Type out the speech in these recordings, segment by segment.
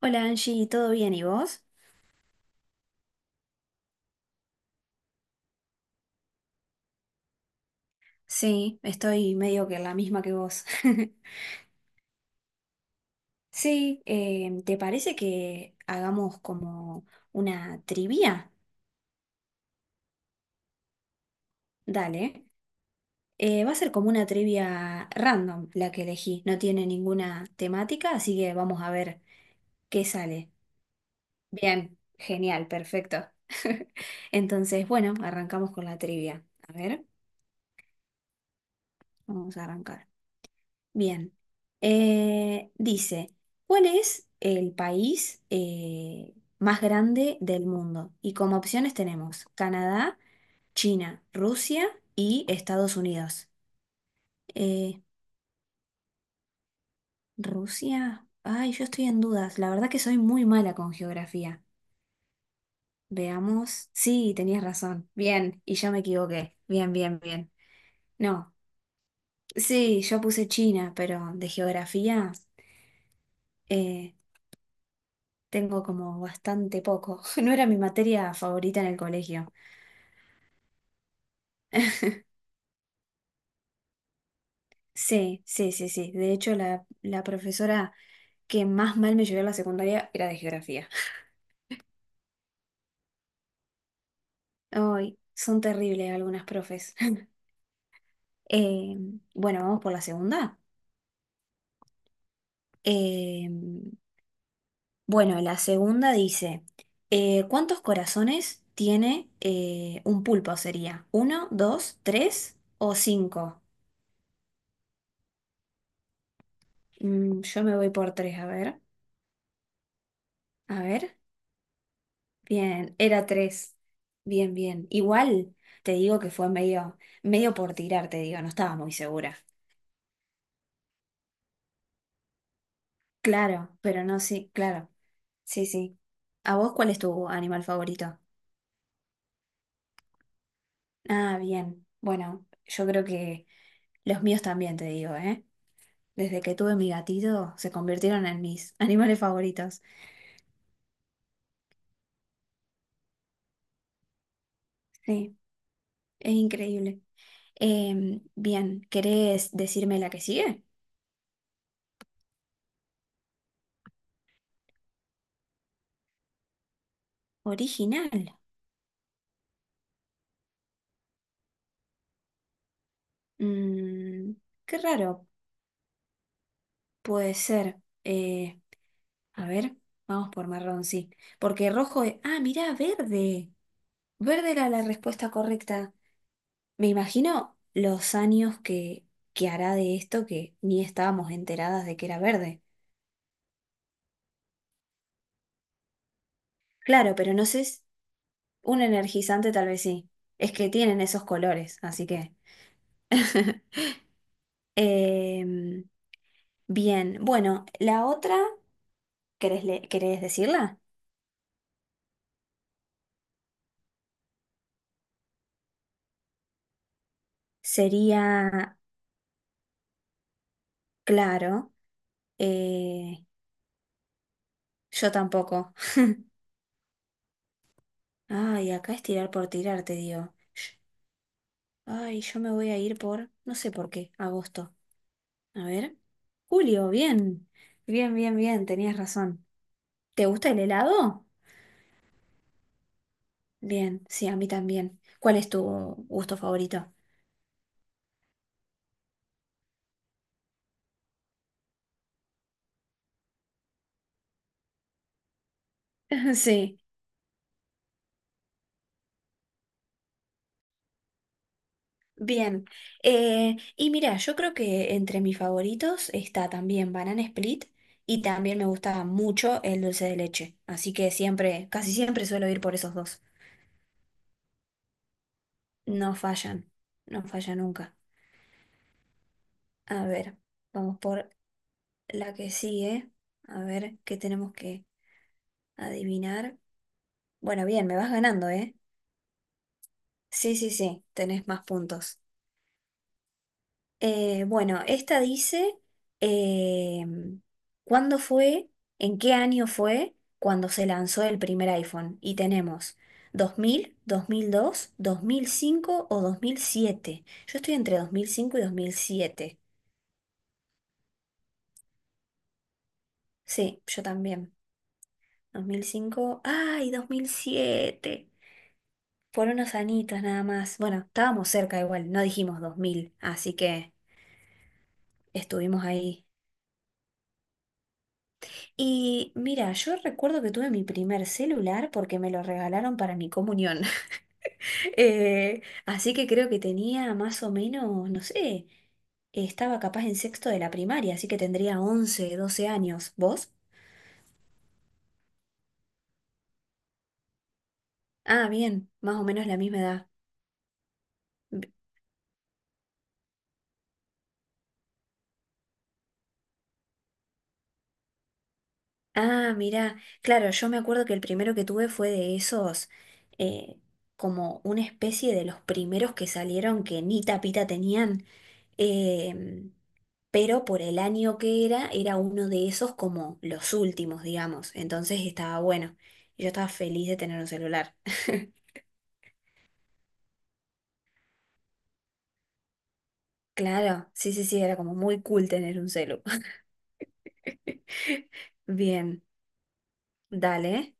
Hola Angie, ¿todo bien y vos? Sí, estoy medio que la misma que vos. Sí, ¿te parece que hagamos como una trivia? Dale. Va a ser como una trivia random la que elegí. No tiene ninguna temática, así que vamos a ver qué sale. Bien, genial, perfecto. Entonces, bueno, arrancamos con la trivia. A ver, vamos a arrancar. Bien. Dice, ¿cuál es el país más grande del mundo? Y como opciones tenemos Canadá, China, Rusia y Estados Unidos. Eh, Rusia, ay, yo estoy en dudas. La verdad que soy muy mala con geografía. Veamos. Sí, tenías razón. Bien, y yo me equivoqué. Bien, bien, bien. No, sí, yo puse China, pero de geografía. eh, Tengo como bastante poco. No era mi materia favorita en el colegio. Sí, sí, sí, sí. De hecho, la profesora que más mal me llevó a la secundaria era de geografía. Ay, son terribles algunas profes. Eh, bueno, vamos por la segunda. Eh, bueno, la segunda dice, ¿cuántos corazones tiene un pulpo? ¿Sería uno, dos, tres o cinco? Mm, yo me voy por tres, a ver. A ver. Bien, era tres. Bien, bien. Igual te digo que fue medio, medio por tirar, te digo, no estaba muy segura. Claro, pero no, sí, claro. Sí, sí. ¿A vos cuál es tu animal favorito? Ah, bien. Bueno, yo creo que los míos también, te digo, ¿eh? Desde que tuve mi gatito, se convirtieron en mis animales favoritos. Sí, es increíble. Bien, ¿querés decirme la que sigue? Original. Mm, qué raro. Puede ser. A ver, vamos por marrón, sí. Porque rojo es... Ah, mirá, verde. Verde era la respuesta correcta. Me imagino los años que hará de esto que ni estábamos enteradas de que era verde. Claro, pero no sé, un energizante tal vez sí. Es que tienen esos colores, así que... Em, bien, bueno, la otra, ¿Querés decirla? Sería, claro, eh, yo tampoco. Ay, acá es tirar por tirar, te digo. Ay, yo me voy a ir por, no sé por qué, agosto. A ver. Julio, bien. Bien, bien, bien, tenías razón. ¿Te gusta el helado? Bien, sí, a mí también. ¿Cuál es tu gusto favorito? Sí, bien. Y mira, yo creo que entre mis favoritos está también Banana Split y también me gusta mucho el dulce de leche. Así que siempre, casi siempre suelo ir por esos dos. No fallan, no falla nunca. A ver, vamos por la que sigue. A ver qué tenemos que adivinar. Bueno, bien, me vas ganando, ¿eh? Sí, sí, sí, tenés más puntos. Bueno, esta dice, eh, ¿cuándo fue, en qué año fue cuando se lanzó el primer iPhone? Y tenemos dos dos dos mil mil 2005 o 2007. Yo estoy entre 2005 y 2007. Sí, yo también. 2005, ay, 2007 por unos añitos nada más. Bueno, estábamos cerca igual, no dijimos 2000, así que estuvimos ahí. Y mira, yo recuerdo que tuve mi primer celular porque me lo regalaron para mi comunión. Así que creo que tenía más o menos, no sé, estaba capaz en sexto de la primaria, así que tendría 11 12 años. ¿Vos? Ah, bien, más o menos la misma edad. Ah, mira, claro, yo me acuerdo que el primero que tuve fue de esos, eh, como una especie de los primeros que salieron que ni tapita tenían, em, pero por el año que era, era uno de esos como los últimos, digamos, entonces estaba bueno, y yo estaba feliz de tener un celular. Claro, sí, sí, sí, era como muy cool tener un celu. Bien, dale,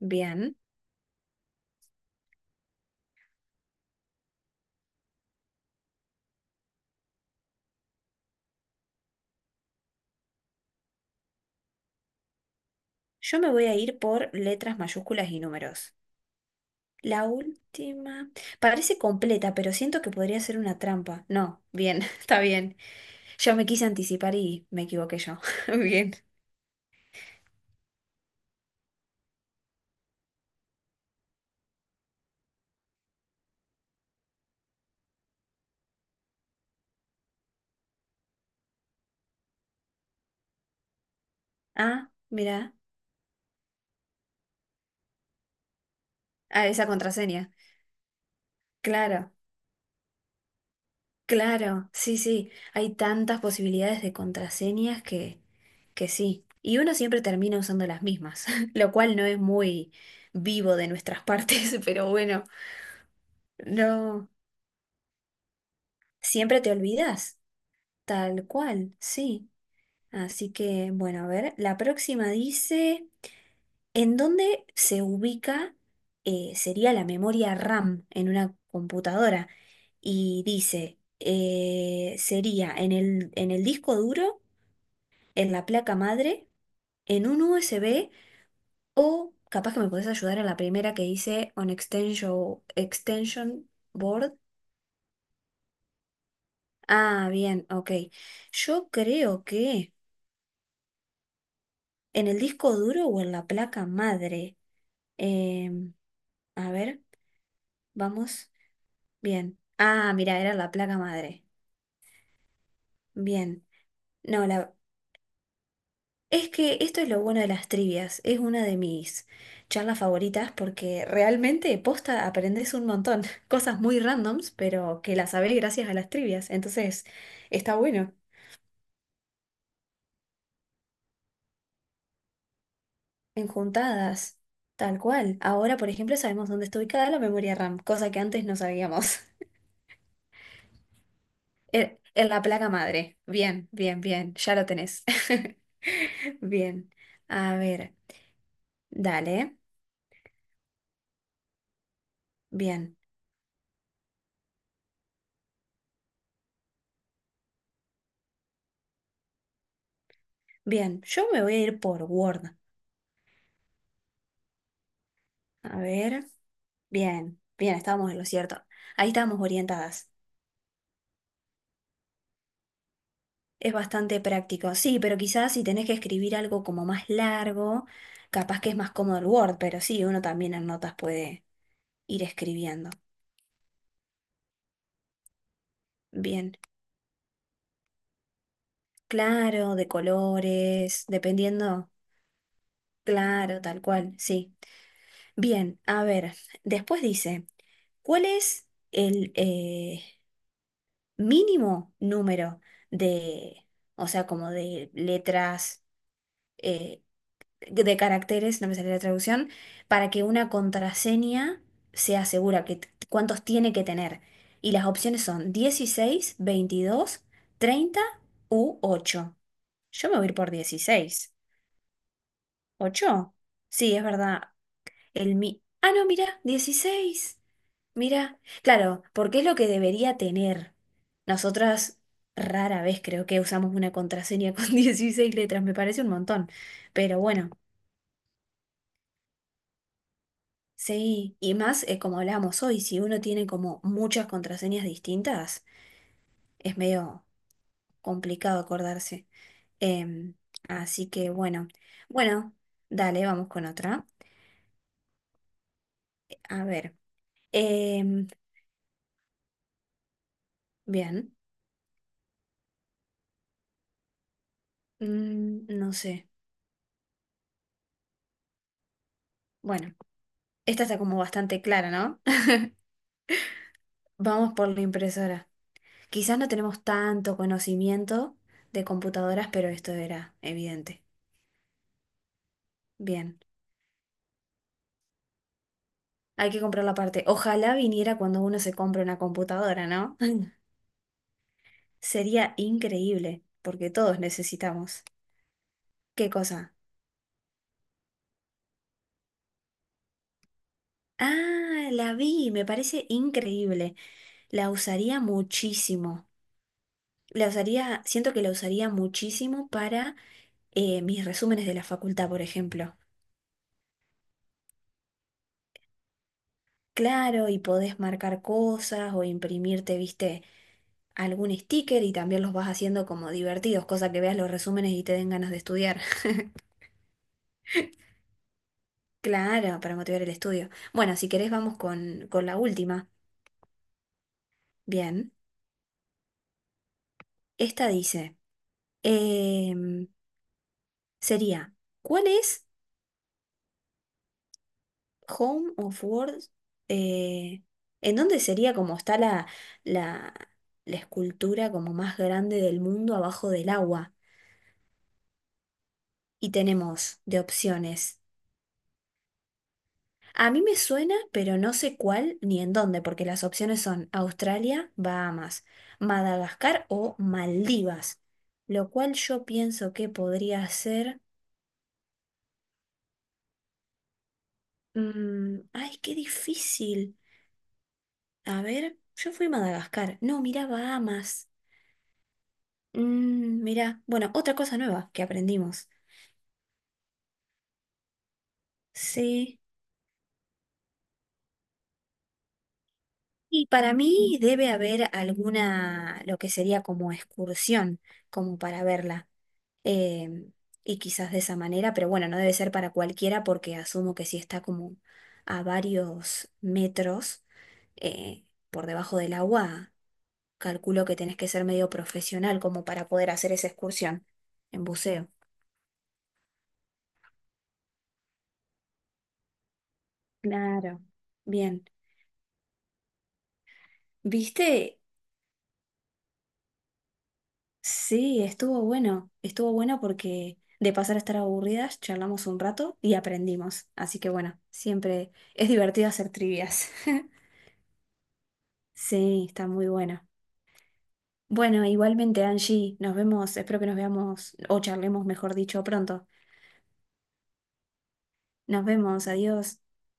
bien. Yo me voy a ir por letras mayúsculas y números. La última. Parece completa, pero siento que podría ser una trampa. No, bien, está bien. Yo me quise anticipar y me equivoqué yo. Bien. Ah, mira. Ah, esa contraseña. Claro, claro. Sí, sí. Hay tantas posibilidades de contraseñas que sí. Y uno siempre termina usando las mismas, lo cual no es muy vivo de nuestras partes, pero bueno, no. Siempre te olvidas. Tal cual, sí. Así que, bueno, a ver, la próxima dice, ¿en dónde se ubica, sería la memoria RAM en una computadora? Y dice, sería en el disco duro, en la placa madre, en un USB o capaz que me podés ayudar en la primera que dice on extension, extension board. Ah, bien, ok. Yo creo que en el disco duro o en la placa madre. Em, a ver, vamos. Bien. Ah, mira, era la placa madre. Bien. No, la... es que esto es lo bueno de las trivias. Es una de mis charlas favoritas porque realmente posta aprendes un montón. Cosas muy randoms, pero que las sabés gracias a las trivias. Entonces, está bueno. Enjuntadas. Tal cual. Ahora, por ejemplo, sabemos dónde está ubicada la memoria RAM, cosa que antes no sabíamos. En la placa madre. Bien, bien, bien. Ya lo tenés. Bien. A ver, dale. Bien, bien. Yo me voy a ir por Word. A ver. Bien, bien, estábamos en lo cierto. Ahí estábamos orientadas. Es bastante práctico. Sí, pero quizás si tenés que escribir algo como más largo, capaz que es más cómodo el Word, pero sí, uno también en notas puede ir escribiendo. Bien. Claro, de colores, dependiendo. Claro, tal cual, sí. Bien, a ver, después dice, ¿cuál es el mínimo número de, o sea, como de letras, eh, de caracteres, no me sale la traducción, para que una contraseña sea segura, que, cuántos tiene que tener? Y las opciones son 16, 22, 30 u ocho. Yo me voy a ir por dieciséis. Ocho. Sí, es verdad. El mi... Ah, no, mira, 16. Mira, claro, porque es lo que debería tener. Nosotras rara vez creo que usamos una contraseña con 16 letras, me parece un montón. Pero bueno, sí, y más como hablábamos hoy, si uno tiene como muchas contraseñas distintas, es medio complicado acordarse. Em, así que bueno, bueno, dale, vamos con otra. A ver, em, bien, no sé. Bueno, esta está como bastante clara, ¿no? Vamos por la impresora. Quizás no tenemos tanto conocimiento de computadoras, pero esto era evidente. Bien, hay que comprar la parte. Ojalá viniera cuando uno se compra una computadora, ¿no? Sería increíble, porque todos necesitamos. ¿Qué cosa? Ah, la vi, me parece increíble. La usaría muchísimo. La usaría, siento que la usaría muchísimo para mis resúmenes de la facultad, por ejemplo. Claro, y podés marcar cosas o imprimirte, viste algún sticker y también los vas haciendo como divertidos, cosa que veas los resúmenes y te den ganas de estudiar. Claro, para motivar el estudio. Bueno, si querés vamos con la última. Bien, esta dice, em, sería, ¿cuál es Home of Words? eh, ¿En dónde sería como está la, la escultura como más grande del mundo abajo del agua? Y tenemos de opciones. A mí me suena, pero no sé cuál ni en dónde, porque las opciones son Australia, Bahamas, Madagascar o Maldivas, lo cual yo pienso que podría ser... Ay, qué difícil. A ver, yo fui a Madagascar. No, mirá, Bahamas. Mirá, bueno, otra cosa nueva que aprendimos. Sí. Y para mí debe haber alguna, lo que sería como excursión, como para verla. eh, y quizás de esa manera, pero bueno, no debe ser para cualquiera porque asumo que si está como a varios metros eh, por debajo del agua, calculo que tenés que ser medio profesional como para poder hacer esa excursión en buceo. Claro, bien. ¿Viste? Sí, estuvo bueno. Estuvo bueno porque de pasar a estar aburridas, charlamos un rato y aprendimos. Así que bueno, siempre es divertido hacer trivias. Sí, está muy bueno. Bueno, igualmente, Angie, nos vemos, espero que nos veamos o charlemos, mejor dicho, pronto. Nos vemos, adiós.